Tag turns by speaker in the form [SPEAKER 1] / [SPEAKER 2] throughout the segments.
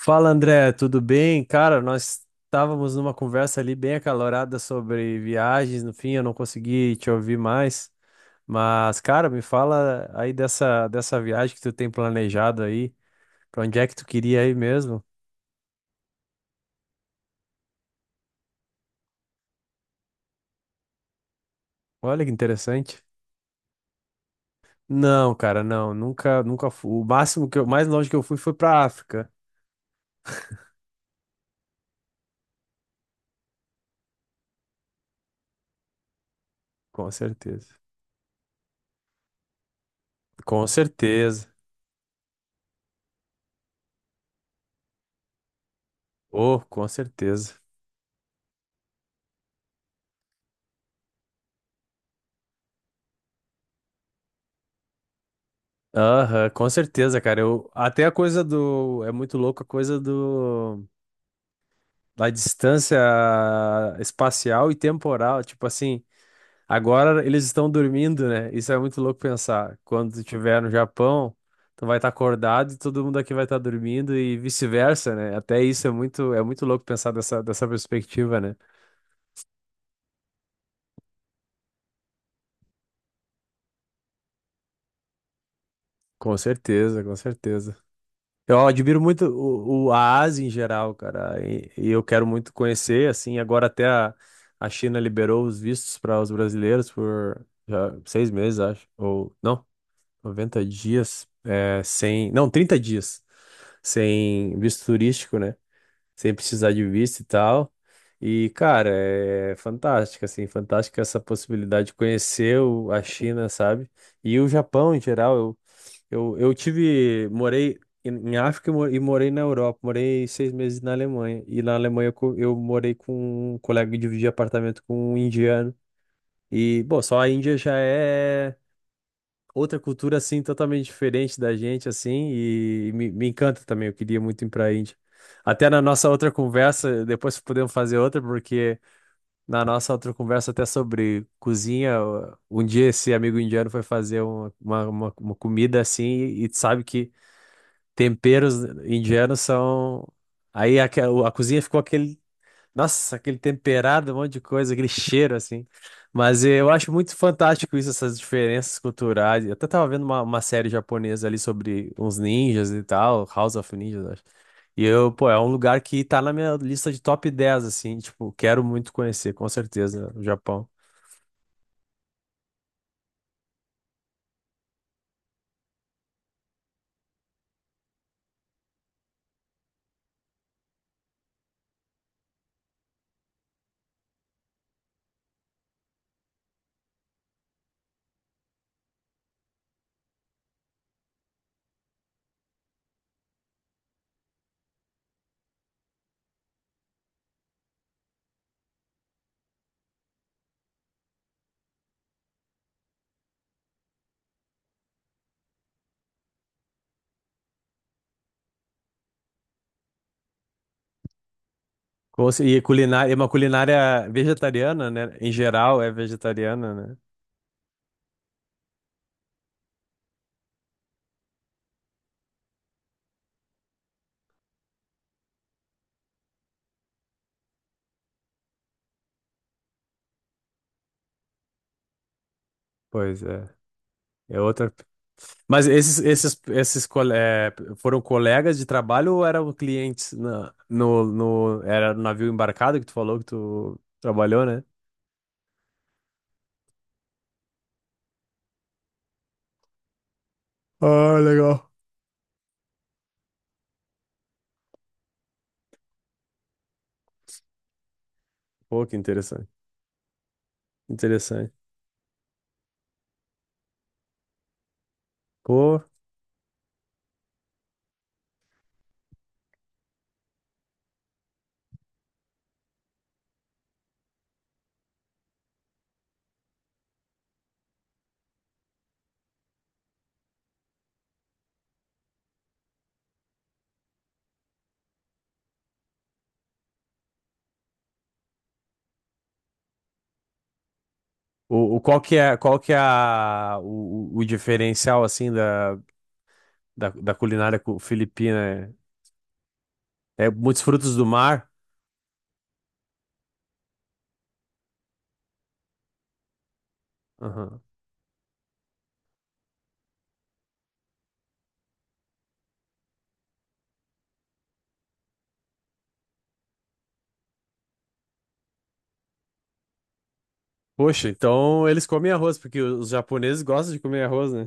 [SPEAKER 1] Fala André, tudo bem? Cara, nós estávamos numa conversa ali bem acalorada sobre viagens, no fim eu não consegui te ouvir mais, mas cara, me fala aí dessa viagem que tu tem planejado aí, pra onde é que tu queria ir mesmo? Olha que interessante. Não, cara, não, nunca, nunca fui. O máximo que eu, mais longe que eu fui foi pra África, com certeza. Com certeza. Oh, com certeza. Aham, com certeza, cara. Eu, até a coisa do. É muito louco a coisa do. Da distância espacial e temporal, tipo assim, agora eles estão dormindo, né? Isso é muito louco pensar. Quando tu estiver no Japão, tu vai estar acordado e todo mundo aqui vai estar dormindo e vice-versa, né? Até isso é é muito louco pensar dessa perspectiva, né? Com certeza, com certeza. Eu admiro muito a Ásia em geral, cara, e eu quero muito conhecer, assim, agora até a China liberou os vistos para os brasileiros por já, 6 meses, acho, ou não? 90 dias é, sem. Não, 30 dias sem visto turístico, né? Sem precisar de visto e tal. E, cara, é fantástica, assim, fantástica essa possibilidade de conhecer a China, sabe? E o Japão em geral. Eu tive. Morei em África e morei na Europa. Morei 6 meses na Alemanha. E na Alemanha eu morei com um colega e dividi apartamento com um indiano. E, bom, só a Índia já é outra cultura assim totalmente diferente da gente assim e me encanta também. Eu queria muito ir para a Índia. Até na nossa outra conversa, depois podemos fazer outra porque na nossa outra conversa até sobre cozinha, um dia esse amigo indiano foi fazer uma comida assim e, sabe que temperos indianos são. Aí a cozinha ficou aquele, nossa, aquele temperado, um monte de coisa, aquele cheiro assim. Mas eu acho muito fantástico isso, essas diferenças culturais. Eu até tava vendo uma série japonesa ali sobre uns ninjas e tal, House of Ninjas, acho. E eu, pô, é um lugar que tá na minha lista de top 10 assim, tipo, quero muito conhecer, com certeza, o Japão. E culinária, é uma culinária vegetariana, né? Em geral é vegetariana, né? Pois é. É outra. Mas foram colegas de trabalho ou eram clientes na, no, no, era no navio embarcado que tu falou que tu trabalhou, né? Ah, legal. Pô, que interessante. Interessante. Pô, qual que é a, o diferencial, assim, da culinária filipina? É, é muitos frutos do mar? Aham. Poxa, então eles comem arroz, porque os japoneses gostam de comer arroz, né?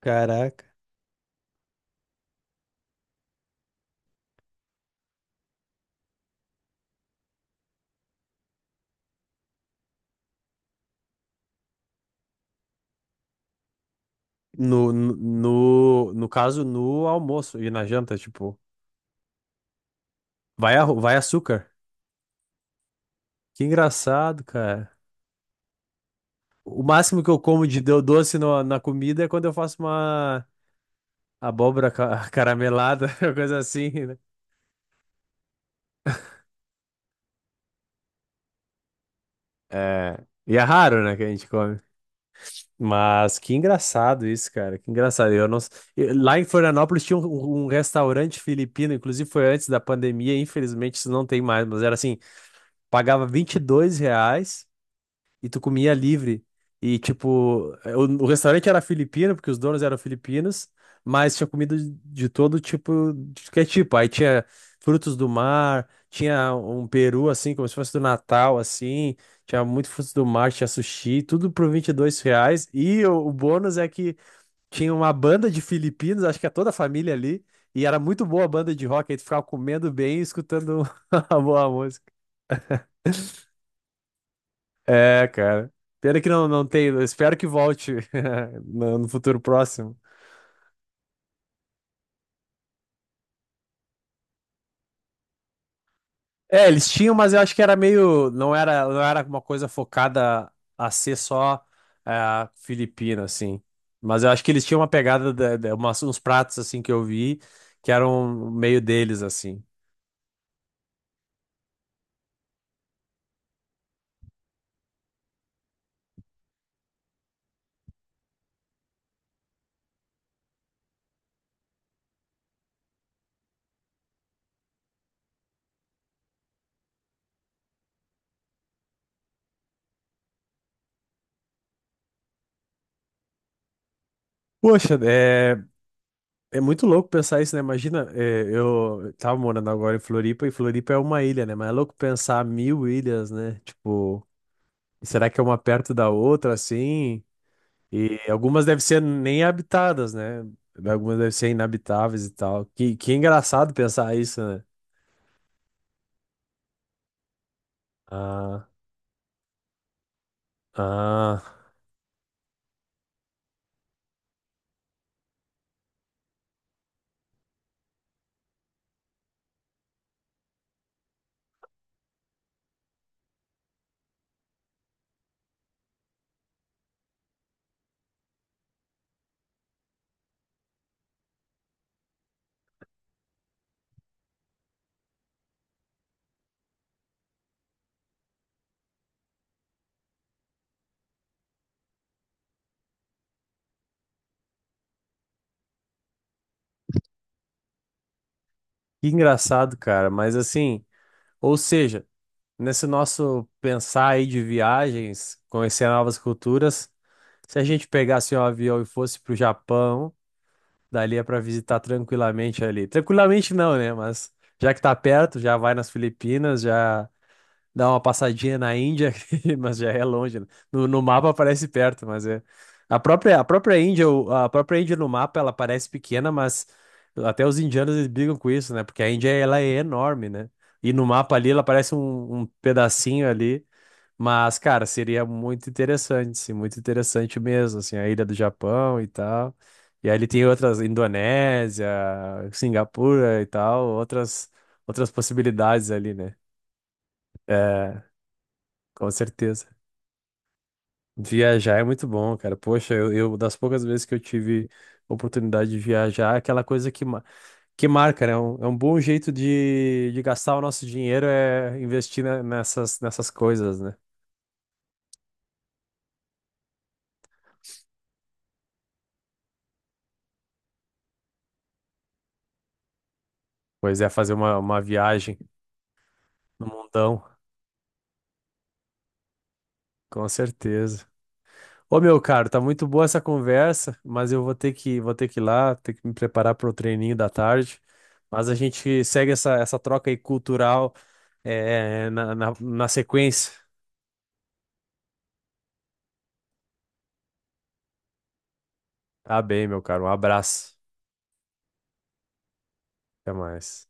[SPEAKER 1] Caraca. No caso, no almoço e na janta, tipo, vai, vai açúcar. Que engraçado, cara. O máximo que eu como de doce na comida é quando eu faço uma abóbora caramelada, coisa assim, né? É, e é raro, né, que a gente come. Mas que engraçado isso, cara. Que engraçado. Eu não... s- eu- Lá em Florianópolis tinha um restaurante filipino, inclusive foi antes da pandemia, infelizmente isso não tem mais, mas era assim, pagava R$ 22 e tu comia livre. E, tipo, o restaurante era filipino, porque os donos eram filipinos, mas tinha comida de todo tipo, de que é tipo. Aí tinha frutos do mar, tinha um peru, assim, como se fosse do Natal, assim, tinha muito frutos do mar, tinha sushi, tudo por R$ 22. E o bônus é que tinha uma banda de filipinos, acho que é toda a família ali, e era muito boa a banda de rock, aí tu ficava comendo bem e escutando a boa. É, cara. Pena que não, não tem. Eu Espero que volte no futuro próximo. É, eles tinham, mas eu acho que era meio. Não era uma coisa focada a ser só, é, filipina, assim. Mas eu acho que eles tinham uma pegada, uns pratos, assim, que eu vi, que eram meio deles, assim. Poxa, é, é muito louco pensar isso, né? Imagina, é, eu tava morando agora em Floripa, e Floripa é uma ilha, né? Mas é louco pensar 1.000 ilhas, né? Tipo. E será que é uma perto da outra, assim? E algumas devem ser nem habitadas, né? Algumas devem ser inabitáveis e tal. Que engraçado pensar isso, né? Ah, ah, que engraçado, cara. Mas assim, ou seja, nesse nosso pensar aí de viagens, conhecer novas culturas, se a gente pegasse um avião e fosse pro Japão, dali é pra visitar tranquilamente ali. Tranquilamente não, né? Mas já que tá perto, já vai nas Filipinas, já, dar uma passadinha na Índia, mas já é longe, né? No mapa parece perto, mas é. A própria Índia, a própria Índia no mapa, ela parece pequena, mas até os indianos eles brigam com isso, né? Porque a Índia, ela é enorme, né? E no mapa ali, ela parece um pedacinho ali, mas, cara, seria muito interessante, sim, muito interessante mesmo, assim, a ilha do Japão e tal. E aí ele tem outras, Indonésia, Singapura e tal, outras possibilidades ali, né? É, com certeza. Viajar é muito bom, cara. Poxa, das poucas vezes que eu tive oportunidade de viajar, aquela coisa que, que marca, né? É um bom jeito de gastar o nosso dinheiro é investir nessas, nessas coisas, né? Pois é, fazer uma viagem no mundão, com certeza. Ô, meu caro, tá muito boa essa conversa, mas eu vou ter que ir lá, ter que me preparar para o treininho da tarde. Mas a gente segue essa troca aí cultural, é, na sequência. Tá bem, meu caro. Um abraço. Até mais.